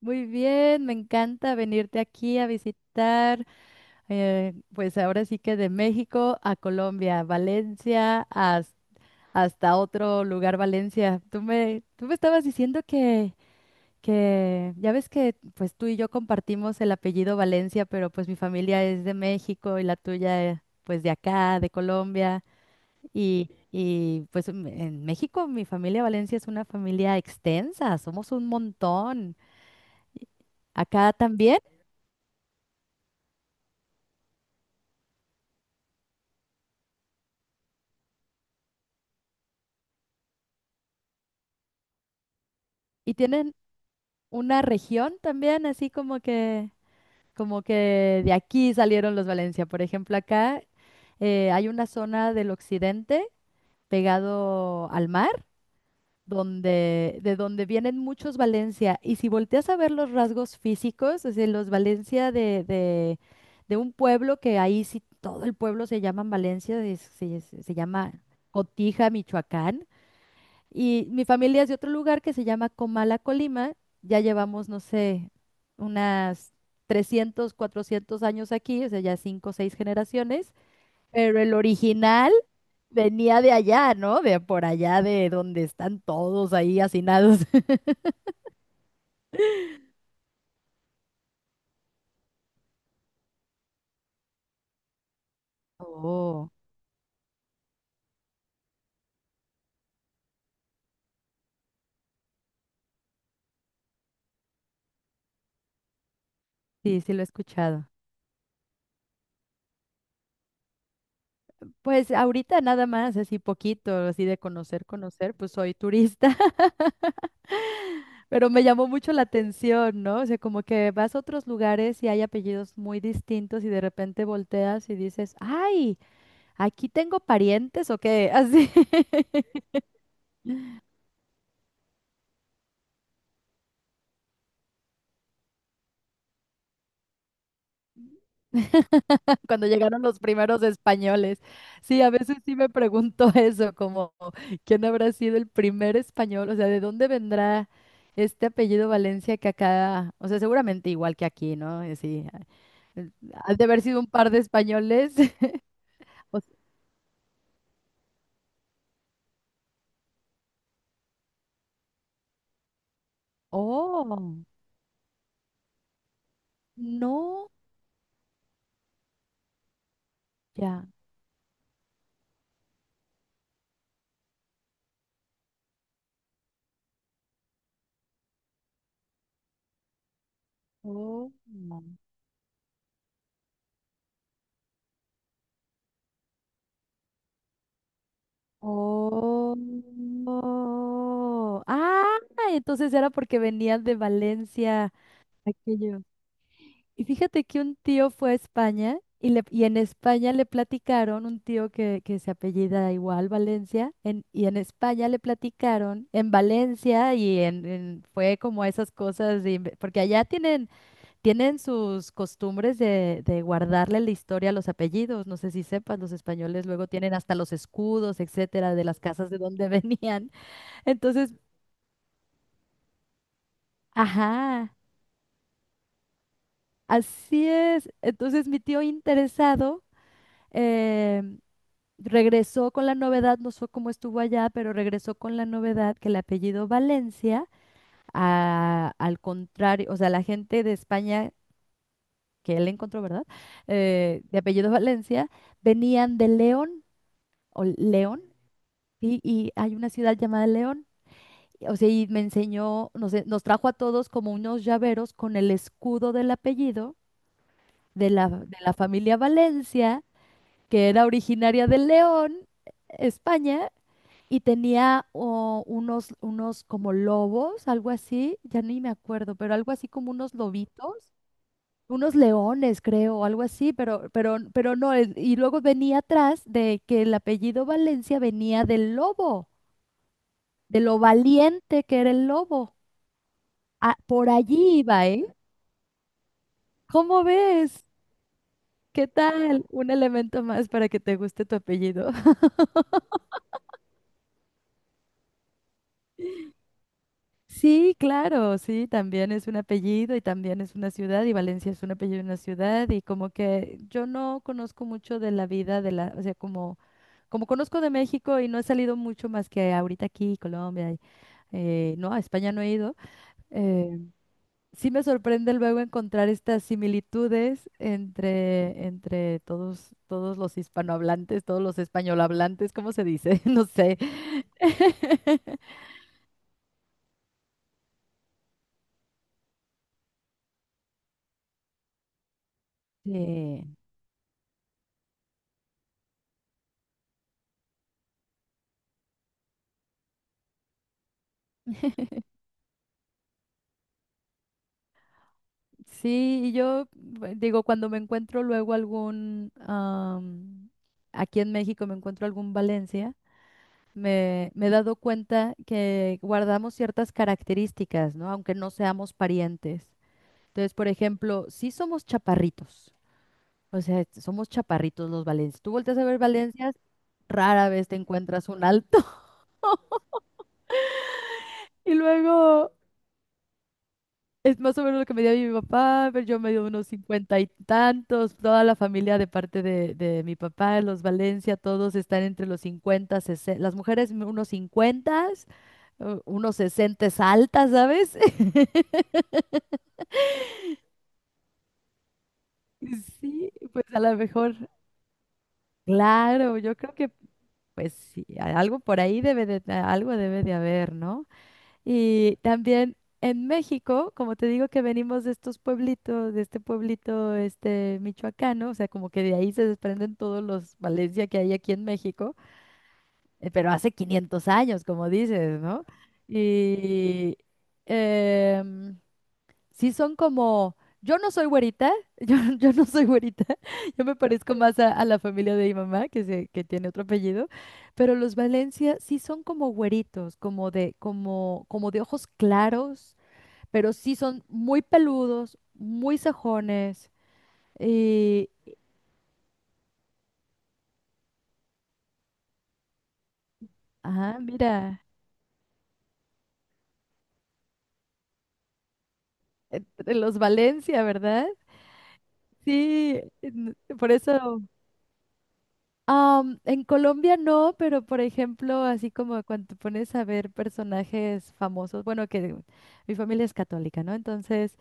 Muy bien, me encanta venirte aquí a visitar, pues ahora sí que de México a Colombia, Valencia, hasta otro lugar, Valencia. Tú me estabas diciendo que, ya ves que pues tú y yo compartimos el apellido Valencia, pero pues mi familia es de México y la tuya pues de acá, de Colombia. Y pues en México mi familia Valencia es una familia extensa, somos un montón. ¿Acá también? Y tienen una región también, así como que de aquí salieron los Valencia. Por ejemplo, acá hay una zona del occidente pegado al mar, de donde vienen muchos Valencia. Y si volteas a ver los rasgos físicos, es decir, los Valencia de un pueblo que ahí sí todo el pueblo se llama Valencia, se llama Cotija, Michoacán. Y mi familia es de otro lugar que se llama Comala, Colima. Ya llevamos, no sé, unas 300 400 años aquí, o sea, ya cinco o seis generaciones. Pero el original venía de allá, ¿no? De por allá, de donde están todos ahí hacinados. Oh, sí, sí lo he escuchado. Pues ahorita nada más, así poquito, así de conocer, conocer, pues soy turista. Pero me llamó mucho la atención, ¿no? O sea, como que vas a otros lugares y hay apellidos muy distintos y de repente volteas y dices, ¡ay! Aquí tengo parientes o qué, así, cuando llegaron los primeros españoles. Sí, a veces sí me pregunto eso, como, ¿quién habrá sido el primer español? O sea, ¿de dónde vendrá este apellido Valencia que acá, o sea, seguramente igual que aquí, ¿no? Y sí, ha de haber sido un par de españoles. O- Oh, no. Ya. Oh. Oh. Ah, entonces era porque venían de Valencia aquello. Y fíjate que un tío fue a España y en España le platicaron, un tío que se apellida igual Valencia, y en España le platicaron, en Valencia y fue como esas cosas, porque allá tienen sus costumbres de guardarle la historia a los apellidos. No sé si sepas, los españoles luego tienen hasta los escudos, etcétera, de las casas de donde venían. Entonces, ajá, así es. Entonces, mi tío interesado em, regresó con la novedad, no sé cómo estuvo allá, pero regresó con la novedad que el apellido Valencia, al contrario, o sea, la gente de España que él encontró, ¿verdad? De apellido Valencia, venían de León. O León, ¿sí? Y hay una ciudad llamada León. O sea, y me enseñó, no sé, nos trajo a todos como unos llaveros con el escudo del apellido de la familia Valencia, que era originaria de León, España, y tenía unos como lobos, algo así, ya ni me acuerdo, pero algo así como unos lobitos, unos leones, creo, algo así, pero, no, y luego venía atrás de que el apellido Valencia venía del lobo, de lo valiente que era el lobo. Ah, por allí iba, ¿eh? ¿Cómo ves? ¿Qué tal? Un elemento más para que te guste tu apellido. Sí, claro, sí, también es un apellido y también es una ciudad y Valencia es un apellido y una ciudad y como que yo no conozco mucho de la vida de la, o sea, como conozco de México y no he salido mucho más que ahorita aquí, Colombia, y, no, a España no he ido, eh, sí me sorprende luego encontrar estas similitudes entre todos los hispanohablantes, todos los españolhablantes, ¿cómo se dice? No sé. Sí, sí, y yo digo, cuando me encuentro luego aquí en México me encuentro algún Valencia, me he dado cuenta que guardamos ciertas características, ¿no? Aunque no seamos parientes. Entonces, por ejemplo, sí somos chaparritos. O sea, somos chaparritos los Valencias. Tú volteas a ver Valencias, rara vez te encuentras un alto. Y luego es más o menos lo que me dio mi papá, pero yo me dio unos cincuenta y tantos. Toda la familia de parte de mi papá, los Valencia, todos están entre los 50, 60. Las mujeres unos 50, unos 60 altas, ¿sabes? Sí, pues a lo mejor, claro, yo creo que, pues sí, algo por ahí debe de, algo debe de haber, ¿no? Y también en México, como te digo que venimos de estos pueblitos, de este pueblito este michoacano, o sea, como que de ahí se desprenden todos los Valencia que hay aquí en México, pero hace 500 años, como dices, ¿no? Y em, sí son como, yo no soy güerita, yo no soy güerita, yo me parezco más a la familia de mi mamá, que tiene otro apellido, pero los Valencia sí son como güeritos, como de ojos claros, pero sí son muy peludos, muy sajones, y, mira, eh, los Valencia, ¿verdad? Sí, por eso... En Colombia no, pero por ejemplo, así como cuando te pones a ver personajes famosos, bueno, que mi familia es católica, ¿no? Entonces,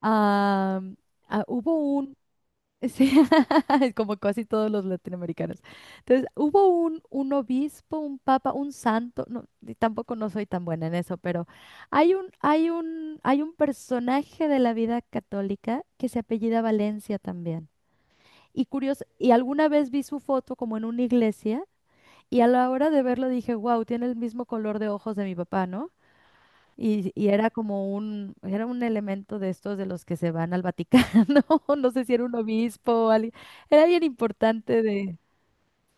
am, ah, hubo un, sí, como casi todos los latinoamericanos. Entonces, hubo un obispo, un papa, un santo, no, y tampoco no soy tan buena en eso, pero hay un personaje de la vida católica que se apellida Valencia también. Y curioso, y alguna vez vi su foto como en una iglesia. Y a la hora de verlo dije, wow, tiene el mismo color de ojos de mi papá, ¿no? Y era era un elemento de estos de los que se van al Vaticano, no sé si era un obispo o alguien, era bien importante de,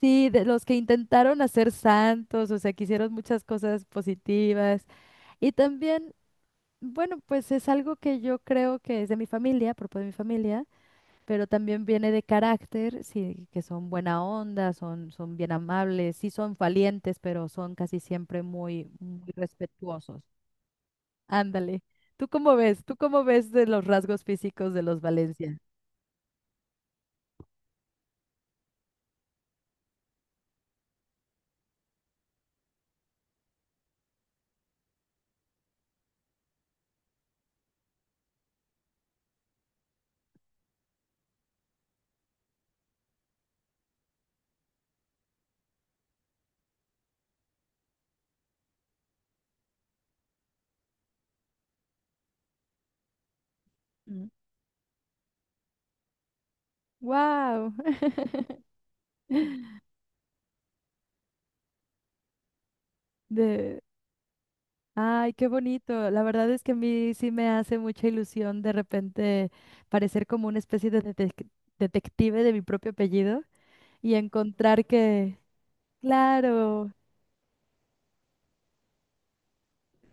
sí, de los que intentaron hacer santos, o sea, que hicieron muchas cosas positivas. Y también, bueno, pues es algo que yo creo que es de mi familia, propio de mi familia pero también viene de carácter, sí, que son buena onda, son bien amables, sí son valientes, pero son casi siempre muy, muy respetuosos. Ándale. ¿Tú cómo ves? ¿Tú cómo ves de los rasgos físicos de los Valencia? Wow. de Ay, qué bonito. La verdad es que a mí sí me hace mucha ilusión de repente parecer como una especie de detective de mi propio apellido y encontrar que, claro,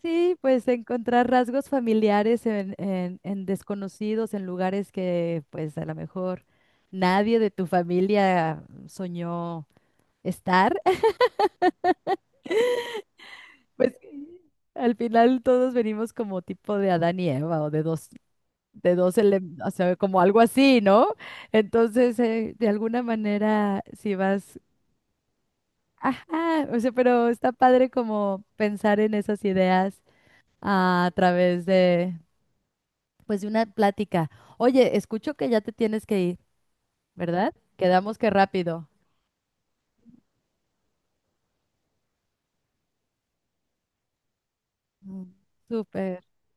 sí, pues encontrar rasgos familiares en desconocidos, en lugares que pues a lo mejor nadie de tu familia soñó estar. Pues al final todos venimos como tipo de Adán y Eva o de dos, elementos, o sea, como algo así, ¿no? Entonces, de alguna manera, si vas, ajá, o sea, pero está padre como pensar en esas ideas a través de, pues, de una plática. Oye, escucho que ya te tienes que ir, ¿verdad? Quedamos que rápido. Mm. Súper.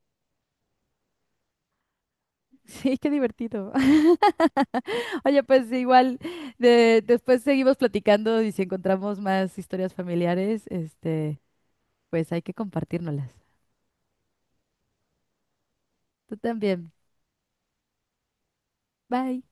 Sí, qué divertido. Oye, pues igual después seguimos platicando y si encontramos más historias familiares, pues hay que compartírnoslas. Tú también. Bye.